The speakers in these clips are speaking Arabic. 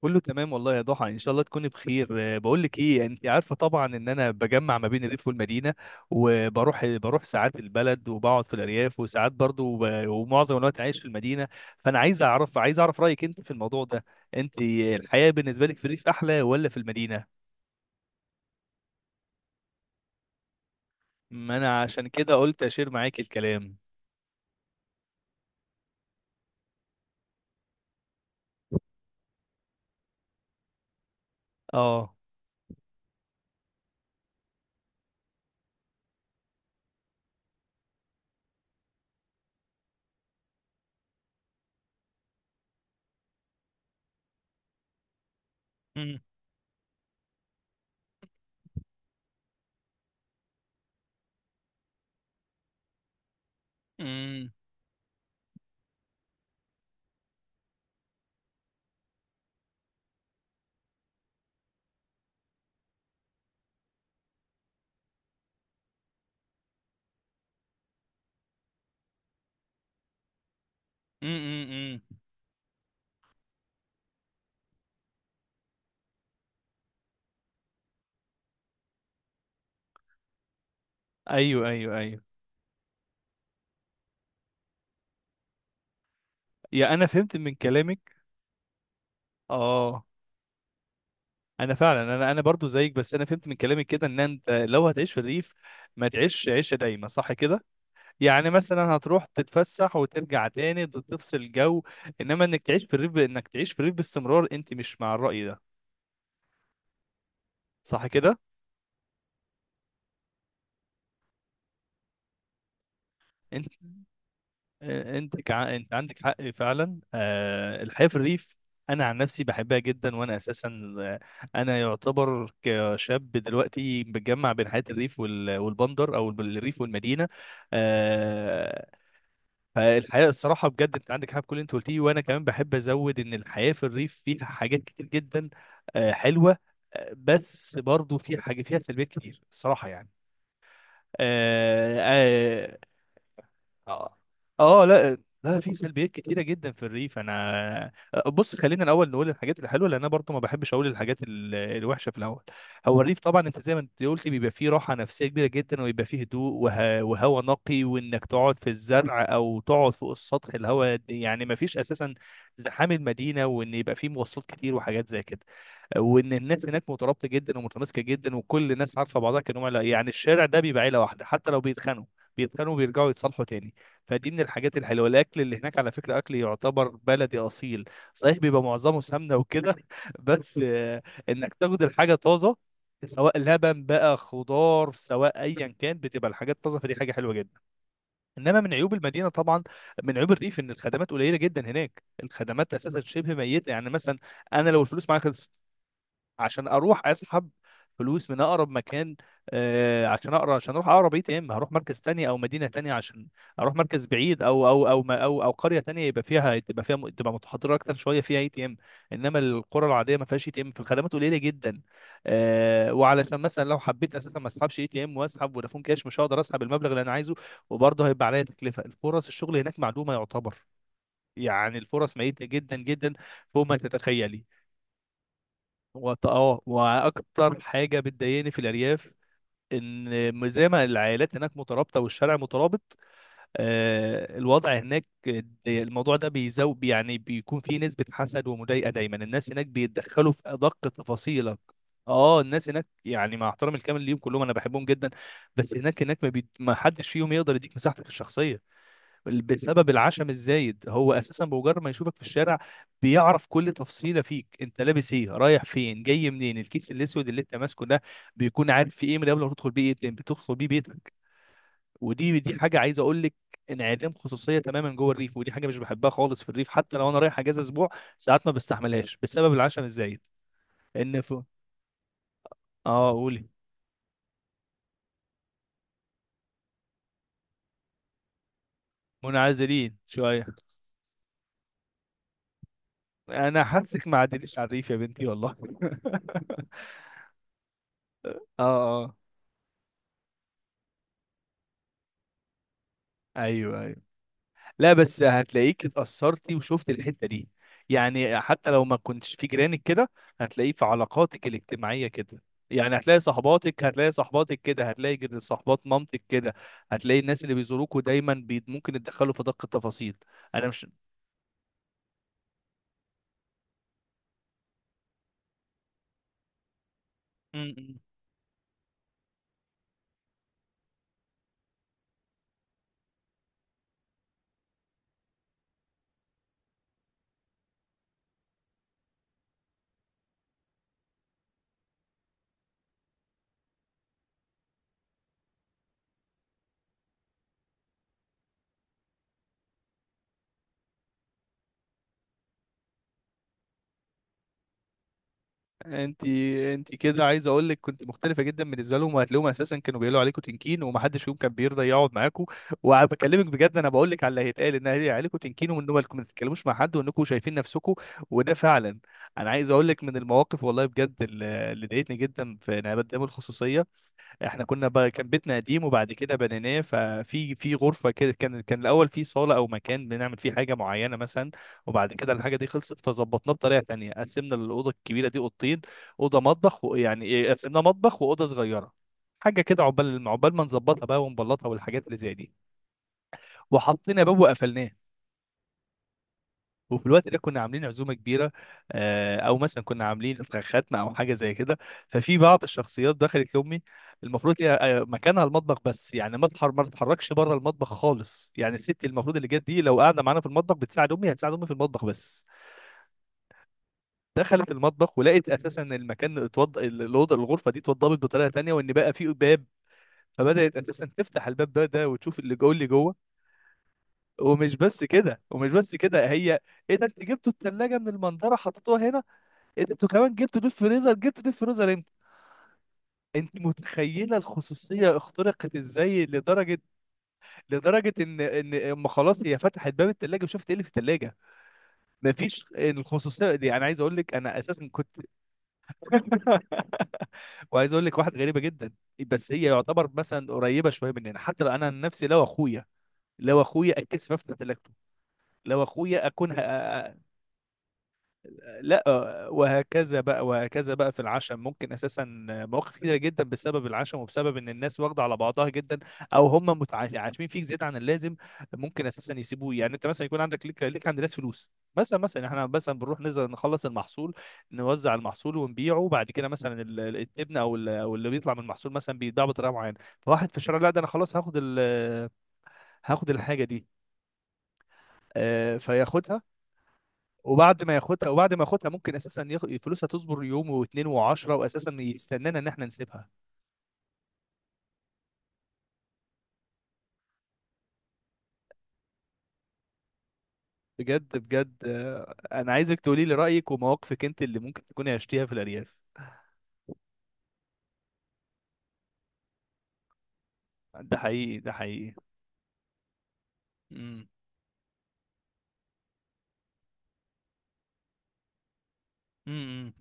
كله تمام والله يا ضحى، ان شاء الله تكوني بخير. بقول لك ايه، انت عارفه طبعا ان انا بجمع ما بين الريف والمدينه، وبروح ساعات البلد وبقعد في الارياف، وساعات برضو ومعظم الوقت عايش في المدينه. فانا عايز اعرف، رايك انت في الموضوع ده. انت الحياه بالنسبه لك في الريف احلى ولا في المدينه؟ ما انا عشان كده قلت اشير معاك الكلام. اه. امم امم أمم. ايوه ايوه ايوه. يا انا فهمت من كلامك. اه، انا فعلا انا برضو زيك، بس انا فهمت من كلامك كده ان انت لو هتعيش في الريف ما تعيش عيشه دايمه، صح كده؟ يعني مثلا هتروح تتفسح وترجع تاني تفصل جو، انما انك تعيش في الريف، باستمرار انت مش مع الرأي ده، صح كده؟ انت انت عندك حق فعلا. الحياه في الريف انا عن نفسي بحبها جدا، وانا اساسا، انا يعتبر كشاب دلوقتي بتجمع بين حياه الريف والبندر او الريف والمدينه. آه، فالحياة الصراحة بجد انت عندك حاجة في كل اللي انت قلتيه، وانا كمان بحب ازود ان الحياة في الريف فيها حاجات كتير جدا، حلوة. بس برضو فيها حاجة، فيها سلبيات كتير الصراحة يعني. آه، آه، اه. اه، لا. لا، في سلبيات كتيره جدا في الريف. انا بص، خلينا الاول نقول الحاجات الحلوه، لان انا برضو ما بحبش اقول الحاجات الوحشه في الاول. هو الريف طبعا، انت زي ما انت قلت، بيبقى فيه راحه نفسيه كبيره جدا، ويبقى فيه هدوء وهواء نقي، وانك تقعد في الزرع او تقعد فوق السطح، الهواء يعني ما فيش اساسا زحام المدينه، وان يبقى فيه مواصلات كتير وحاجات زي كده، وان الناس هناك مترابطه جدا ومتماسكه جدا، وكل الناس عارفه بعضها كانهم عيله، يعني الشارع ده بيبقى عيله واحده، حتى لو بيتخانقوا وبيرجعوا يتصالحوا تاني. فدي من الحاجات الحلوه. الاكل اللي هناك على فكره اكل يعتبر بلدي اصيل صحيح، بيبقى معظمه سمنه وكده بس انك تاخد الحاجه طازه، سواء لبن بقى، خضار، سواء ايا كان، بتبقى الحاجات طازه، فدي حاجه حلوه جدا. انما من عيوب المدينه طبعا، من عيوب الريف ان الخدمات قليله جدا هناك، الخدمات اساسا شبه ميته، يعني مثلا انا لو الفلوس معايا خلصت، عشان اروح اسحب فلوس من اقرب مكان، عشان اروح اقرب اي تي ام هروح مركز تاني او مدينه تانية، عشان اروح مركز بعيد، او او او ما- او او قريه تانية يبقى فيها تبقى فيها تبقى متحضره اكتر شويه فيها اي تي ام. انما القرى العاديه ما فيهاش اي تي ام، فالخدمات قليله جدا. وعلشان مثلا لو حبيت اساسا ما اسحبش اي تي ام واسحب فودافون كاش مش هقدر اسحب المبلغ اللي انا عايزه، وبرضه هيبقى عليا تكلفه. الفرص الشغل هناك معدومه يعتبر، يعني الفرص ميتة جدا جدا، فوق ما تتخيلي. واكتر حاجه بتضايقني في الارياف ان زي ما العائلات هناك مترابطه والشارع مترابط، الوضع هناك الموضوع ده بيزو يعني بيكون فيه نسبه حسد ومضايقه، دايما الناس هناك بيتدخلوا في ادق تفاصيلك. اه الناس هناك، يعني مع احترامي الكامل ليهم كلهم انا بحبهم جدا، بس هناك ما حدش فيهم يقدر يديك مساحتك الشخصيه، بسبب العشم الزايد. هو اساسا بمجرد ما يشوفك في الشارع بيعرف كل تفصيله فيك، انت لابس ايه، رايح فين، جاي منين، الكيس الاسود اللي انت ماسكه ده بيكون عارف فيه ايه من قبل ما تدخل بيه، ايه بتدخل بيه بيتك. ودي حاجه عايز اقول لك، انعدام خصوصيه تماما جوه الريف، ودي حاجه مش بحبها خالص في الريف. حتى لو انا رايح اجازه اسبوع ساعات ما بستحملهاش بسبب العشم الزايد. ان ف... اه قولي. منعزلين شويه. انا حاسك ما عدليش على الريف يا بنتي والله. اه. اه. ايوه أيوه. لا بس هتلاقيك اتأثرتي وشفت الحتة دي، يعني حتى لو ما كنتش في جيرانك كده، هتلاقيه في علاقاتك الاجتماعية كده. يعني هتلاقي صحباتك كده، هتلاقي صحبات مامتك كده، هتلاقي الناس اللي بيزوروكوا دايما بي ممكن يتدخلوا في دقة التفاصيل. انا مش م- م. انت، كده عايز اقول لك، كنت مختلفه جدا بالنسبه لهم، وهتلاقيهم اساسا كانوا بيقولوا عليكم تنكين ومحدش فيهم كان بيرضى يقعد معاكم. وبكلمك بجد انا بقول لك على اللي هيتقال، ان عليكم تنكين، وان هو انكم ما تتكلموش مع حد، وانكم شايفين نفسكم. وده فعلا. انا عايز اقول لك من المواقف والله بجد اللي ضايقتني جدا في انعدام الخصوصيه، احنا كنا بقى كان بيتنا قديم وبعد كده بنيناه. ففي غرفه كده كان الاول في صاله او مكان بنعمل فيه حاجه معينه مثلا، وبعد كده الحاجه دي خلصت فظبطناه بطريقه تانية، قسمنا الاوضه الكبيره دي اوضتين، اوضه مطبخ ويعني ايه، قسمناه مطبخ واوضه صغيره، حاجه كده عقبال ما نظبطها بقى ونبلطها والحاجات اللي زي دي، وحطينا باب وقفلناه. وفي الوقت ده كنا عاملين عزومه كبيره، او مثلا كنا عاملين ختمه او حاجه زي كده. ففي بعض الشخصيات دخلت لامي، المفروض هي مكانها المطبخ بس، يعني ما تتحركش بره المطبخ خالص. يعني الست المفروض اللي جت دي لو قاعده معانا في المطبخ بتساعد امي، هتساعد امي في المطبخ بس. دخلت المطبخ ولقيت اساسا المكان الغرفه دي اتوضبت بطريقه تانية، وان بقى في باب، فبدات اساسا تفتح الباب ده وتشوف اللي جوه اللي جوه. ومش بس كده، هي، ايه ده، انت جبتوا الثلاجه من المنظره حطيتوها هنا؟ إيه ده؟ انتوا كمان جبتوا ديب فريزر؟ جبتوا ديب فريزر امتى؟ انت متخيله الخصوصيه اخترقت ازاي؟ لدرجه، لدرجه ان اما خلاص هي فتحت باب الثلاجه وشافت ايه اللي في الثلاجه. مفيش الخصوصيه دي. انا عايز اقول لك انا اساسا كنت وعايز اقول لك واحده غريبه جدا، بس هي يعتبر مثلا قريبه شويه مننا. حتى لو انا عن نفسي، لو اخويا اتكسف افتح تلاجته، لو اخويا لا. وهكذا بقى في العشم، ممكن اساسا مواقف كتيره جدا بسبب العشم وبسبب ان الناس واخده على بعضها جدا، او هم عاشمين فيك زياده عن اللازم. ممكن اساسا يسيبوه، يعني انت مثلا يكون عندك ليك ليك عند ناس فلوس مثلا. مثلا احنا مثلا بنروح نزل نخلص المحصول، نوزع المحصول ونبيعه بعد كده. مثلا الابن او اللي بيطلع من المحصول مثلا بيتباع بطريقه معينه، فواحد في الشارع، لا ده انا خلاص هاخد هاخد الحاجه دي، فياخدها. وبعد ما ياخدها ممكن اساسا فلوسها تصبر يوم واتنين وعشرة، واساسا يستنانا ان احنا نسيبها. بجد بجد انا عايزك تقولي لي رايك ومواقفك انت اللي ممكن تكوني عشتيها في الارياف. ده حقيقي ده حقيقي. امم امم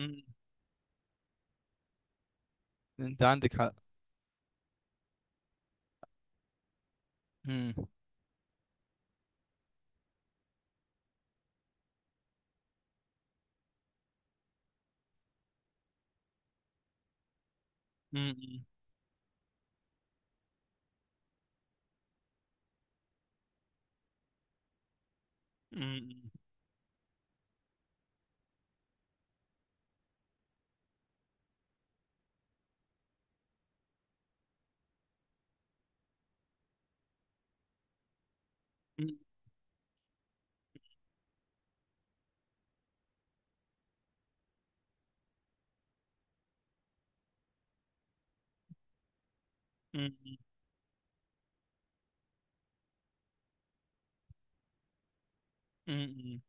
أمم. انت عندك حق. امم أمم. أمم. أمم. أمم. أمم.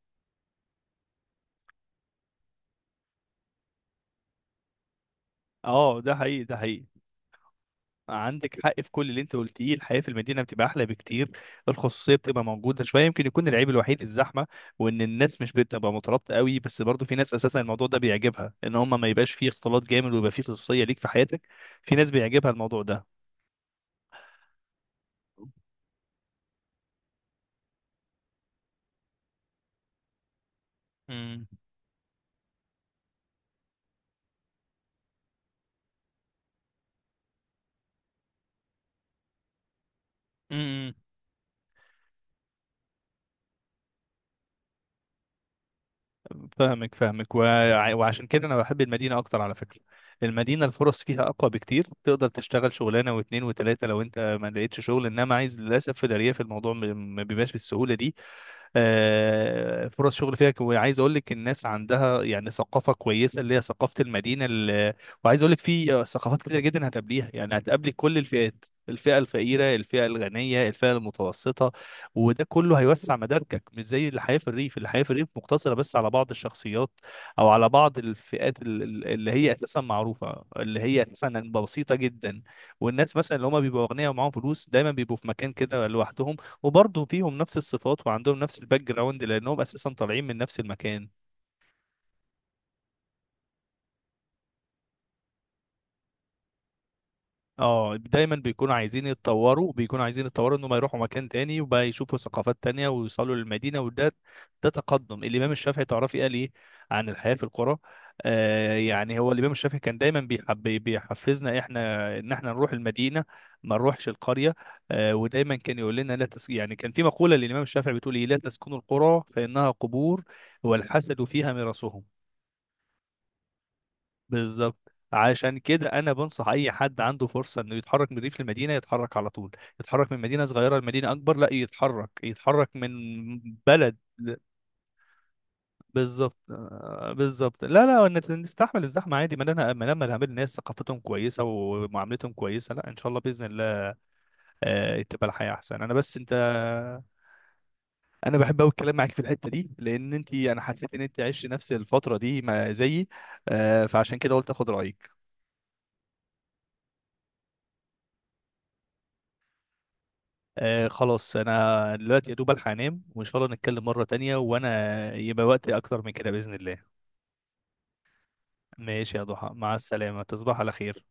اه ده حقيقي ده حقيقي. عندك حق في كل اللي انت قلتيه، الحياه في المدينه بتبقى احلى بكتير، الخصوصيه بتبقى موجوده شويه، يمكن يكون العيب الوحيد الزحمه، وان الناس مش بتبقى مترابطه قوي. بس برضو في ناس اساسا الموضوع ده بيعجبها، ان هم ما يبقاش فيه اختلاط جامد ويبقى فيه خصوصيه ليك في حياتك. في ناس بيعجبها الموضوع ده. امم امم فاهمك فاهمك، وعشان كده انا بحب المدينه اكتر على فكره. المدينه الفرص فيها اقوى بكتير، تقدر تشتغل شغلانه واثنين وثلاثه لو انت ما لقيتش شغل، انما عايز، للاسف في الارياف الموضوع ما بيبقاش بالسهوله دي. فرص شغل فيها وعايز اقول لك الناس عندها يعني ثقافه كويسه، اللي هي ثقافه المدينه اللي، وعايز اقول لك في ثقافات كتير جدا هتقابليها، يعني هتقابلي كل الفئات، الفئه الفقيره الفئه الغنيه الفئه المتوسطه، وده كله هيوسع مداركك، مش زي الحياه في الريف، الحياه في الريف مقتصره بس على بعض الشخصيات او على بعض الفئات اللي هي اساسا معروفه، اللي هي اساسا بسيطه جدا. والناس مثلا اللي هم بيبقوا اغنياء ومعاهم فلوس دايما بيبقوا في مكان كده لوحدهم، وبرضه فيهم نفس الصفات وعندهم نفس الباك جراوند، لانهم اساسا طالعين من نفس المكان. اه دايما بيكونوا عايزين يتطوروا، انهم يروحوا مكان تاني وبقى يشوفوا ثقافات تانية ويوصلوا للمدينة، وده ده تقدم. الامام الشافعي تعرفي قال ايه عن الحياة في القرى؟ آه يعني هو الامام الشافعي كان دايما بيحب، بيحفزنا احنا ان احنا نروح المدينة ما نروحش القرية. آه ودايما كان يقول لنا لا تس... يعني كان في مقولة للامام الشافعي بتقول ايه: لا تسكنوا القرى فانها قبور، والحسد فيها مرسهم. بالظبط عشان كده انا بنصح اي حد عنده فرصه انه يتحرك من الريف للمدينه يتحرك على طول، يتحرك من مدينه صغيره لمدينه اكبر، لا يتحرك، يتحرك من بلد بالظبط. بالظبط، لا لا نستحمل الزحمه عادي، ما لنا، ما لما نقابل ناس ثقافتهم كويسه ومعاملتهم كويسه، لا ان شاء الله باذن الله تبقى الحياه احسن. انا بس انا بحب قوي الكلام معاك في الحته دي، لان انا حسيت ان انت عشت نفس الفتره دي ما زيي، فعشان كده قلت اخد رايك. آه خلاص انا دلوقتي يا دوب الحق انام، وان شاء الله نتكلم مرة تانية وانا يبقى وقت اكتر من كده بإذن الله. ماشي يا ضحى، مع السلامة، تصبح على خير.